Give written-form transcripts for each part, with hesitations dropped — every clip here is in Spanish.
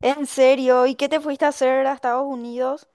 ¿En serio? ¿Y qué te fuiste a hacer a Estados Unidos?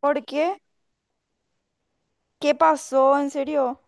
¿Por qué? ¿Qué pasó? ¿En serio?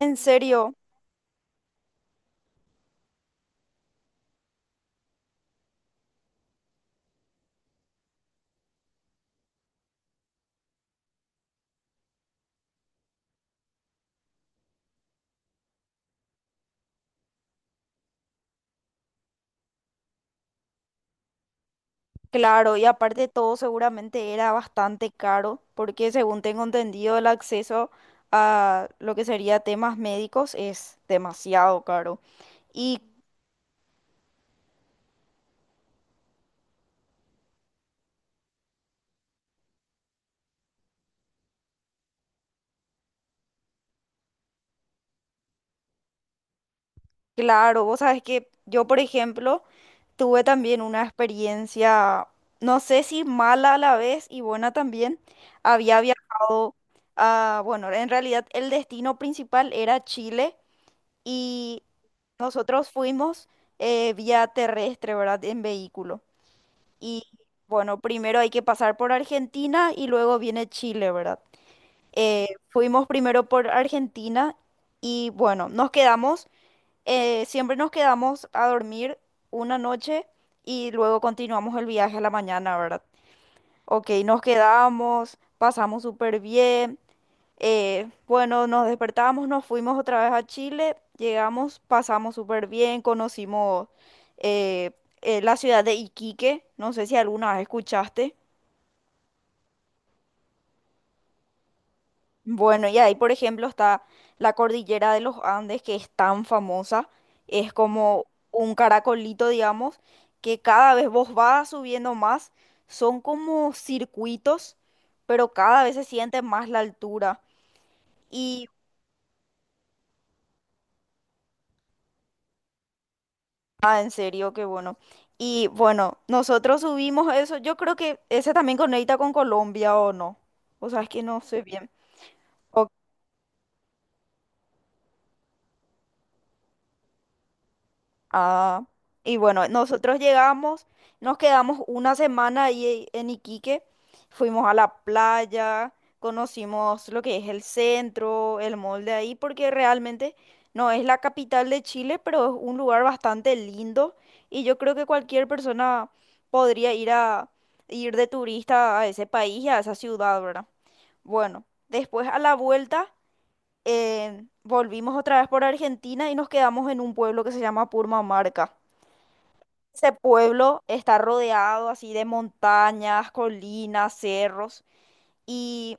¿En serio? Claro, y aparte todo seguramente era bastante caro, porque según tengo entendido el acceso a lo que sería temas médicos es demasiado caro. ¿Y claro, vos sabes que yo, por ejemplo, tuve también una experiencia, no sé si mala a la vez y buena también. Había viajado a, bueno, en realidad el destino principal era Chile y nosotros fuimos vía terrestre, ¿verdad? En vehículo. Y bueno, primero hay que pasar por Argentina y luego viene Chile, ¿verdad? Fuimos primero por Argentina y bueno, nos quedamos. Siempre nos quedamos a dormir una noche y luego continuamos el viaje a la mañana, ¿verdad? Ok, nos quedamos, pasamos súper bien. Bueno, nos despertamos, nos fuimos otra vez a Chile, llegamos, pasamos súper bien, conocimos eh, la ciudad de Iquique, no sé si alguna vez escuchaste. Bueno, y ahí, por ejemplo, está la cordillera de los Andes, que es tan famosa. Es como un caracolito, digamos, que cada vez vos vas subiendo más. Son como circuitos, pero cada vez se siente más la altura. Y, ah, en serio, qué bueno. Y bueno, nosotros subimos eso. Yo creo que ese también conecta con Colombia, ¿o no? O sea, es que no sé bien. Ok. Ah, y bueno, nosotros llegamos, nos quedamos 1 semana ahí en Iquique, fuimos a la playa, conocimos lo que es el centro, el mall de ahí, porque realmente no es la capital de Chile, pero es un lugar bastante lindo y yo creo que cualquier persona podría ir a ir de turista a ese país y a esa ciudad, ¿verdad? Bueno, después a la vuelta volvimos otra vez por Argentina y nos quedamos en un pueblo que se llama Purmamarca. Ese pueblo está rodeado así de montañas, colinas, cerros y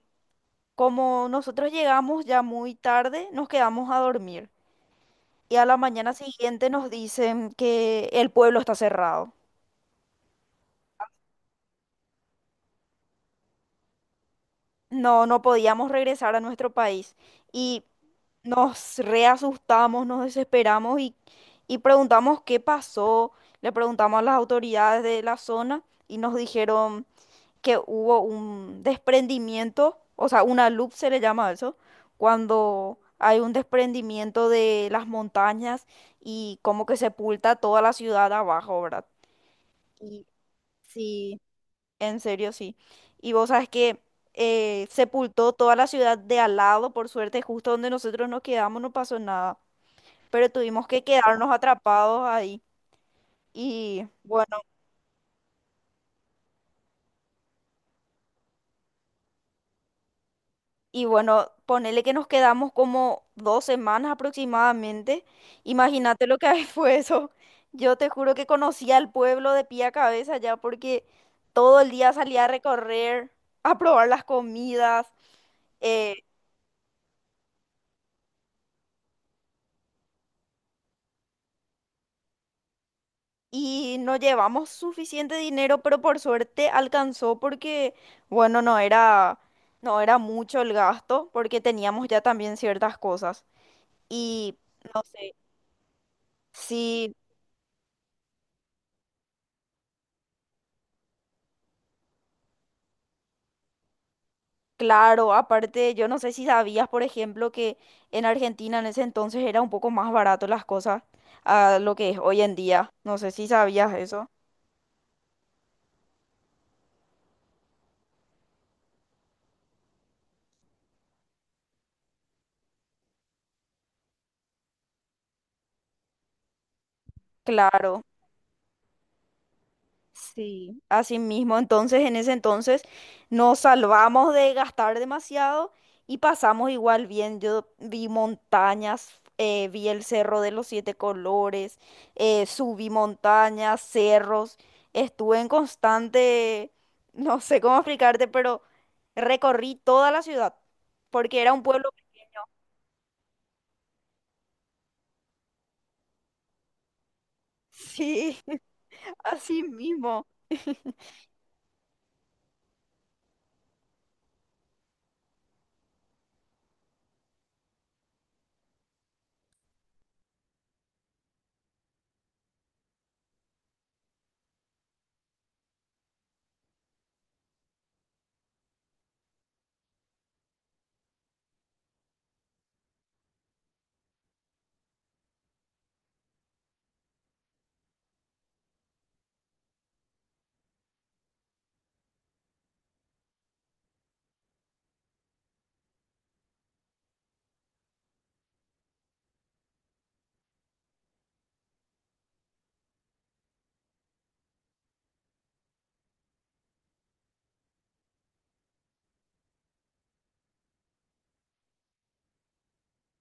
como nosotros llegamos ya muy tarde, nos quedamos a dormir y a la mañana siguiente nos dicen que el pueblo está cerrado. No, no podíamos regresar a nuestro país y nos reasustamos, nos desesperamos y preguntamos qué pasó. Le preguntamos a las autoridades de la zona y nos dijeron que hubo un desprendimiento, o sea, una loop se le llama a eso, cuando hay un desprendimiento de las montañas y como que sepulta toda la ciudad abajo, ¿verdad? Y sí, en serio, sí. Y vos sabes que sepultó toda la ciudad de al lado, por suerte, justo donde nosotros nos quedamos no pasó nada, pero tuvimos que quedarnos atrapados ahí. Y bueno. Y bueno, ponele que nos quedamos como 2 semanas aproximadamente. Imagínate lo que ahí fue eso. Yo te juro que conocía el pueblo de pie a cabeza ya porque todo el día salía a recorrer, a probar las comidas. eh, y no llevamos suficiente dinero, pero por suerte alcanzó porque, bueno, no era mucho el gasto porque teníamos ya también ciertas cosas. Y no sé. Sí, claro, aparte, yo no sé si sabías, por ejemplo, que en Argentina en ese entonces era un poco más barato las cosas a lo que es hoy en día. No sé si sabías eso. Claro. Sí, así mismo. Entonces, en ese entonces nos salvamos de gastar demasiado y pasamos igual bien. Yo vi montañas, vi el Cerro de los Siete Colores, subí montañas, cerros. Estuve en constante, no sé cómo explicarte, pero recorrí toda la ciudad porque era un pueblo. Sí, así mismo.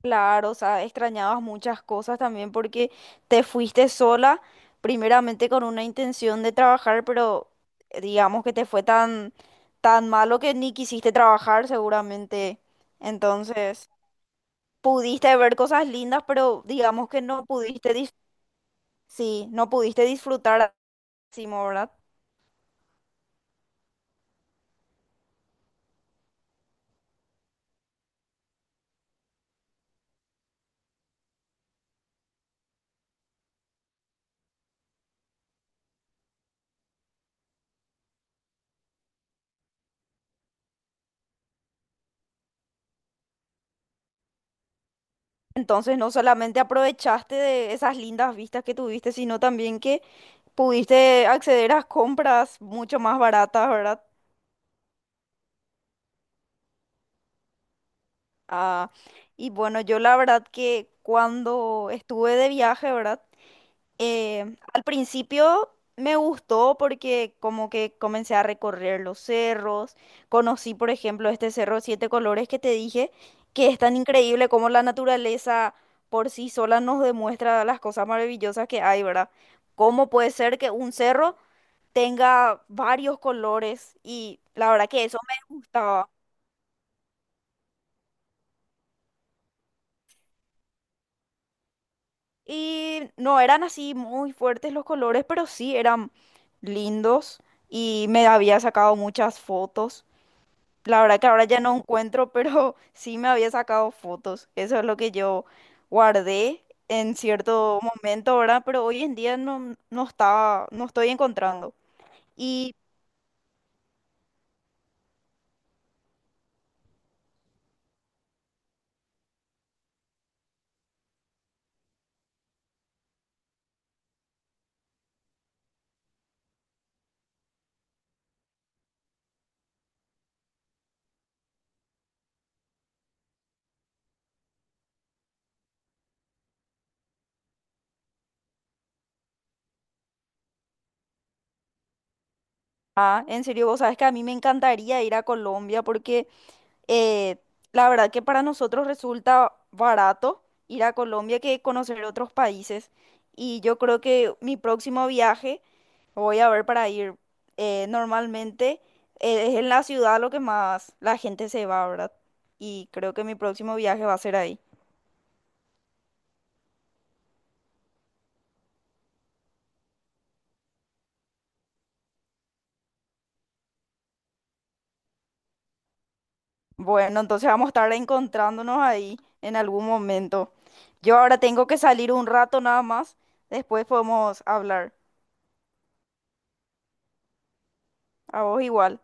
Claro, o sea, extrañabas muchas cosas también porque te fuiste sola, primeramente con una intención de trabajar, pero digamos que te fue tan, tan malo que ni quisiste trabajar seguramente. Entonces, pudiste ver cosas lindas, pero digamos que sí, no pudiste disfrutar al máximo, ¿verdad? Entonces, no solamente aprovechaste de esas lindas vistas que tuviste, sino también que pudiste acceder a compras mucho más baratas, ¿verdad? Ah, y bueno, yo la verdad que cuando estuve de viaje, ¿verdad? Al principio me gustó porque como que comencé a recorrer los cerros, conocí por ejemplo este cerro Siete Colores que te dije, que es tan increíble como la naturaleza por sí sola nos demuestra las cosas maravillosas que hay, ¿verdad? ¿Cómo puede ser que un cerro tenga varios colores? Y la verdad que eso me gustaba. Y no eran así muy fuertes los colores, pero sí eran lindos y me había sacado muchas fotos. La verdad que ahora ya no encuentro, pero sí me había sacado fotos. Eso es lo que yo guardé en cierto momento, ¿verdad? Pero hoy en día no estaba, no estoy encontrando. Y, ah, en serio, vos sabes que a mí me encantaría ir a Colombia porque Eh, la verdad que para nosotros resulta barato ir a Colombia que conocer otros países. Y yo creo que mi próximo viaje voy a ver para ir normalmente es en la ciudad lo que más la gente se va, ¿verdad? Y creo que mi próximo viaje va a ser ahí. Bueno, entonces vamos a estar encontrándonos ahí en algún momento. Yo ahora tengo que salir un rato nada más. Después podemos hablar. A vos igual.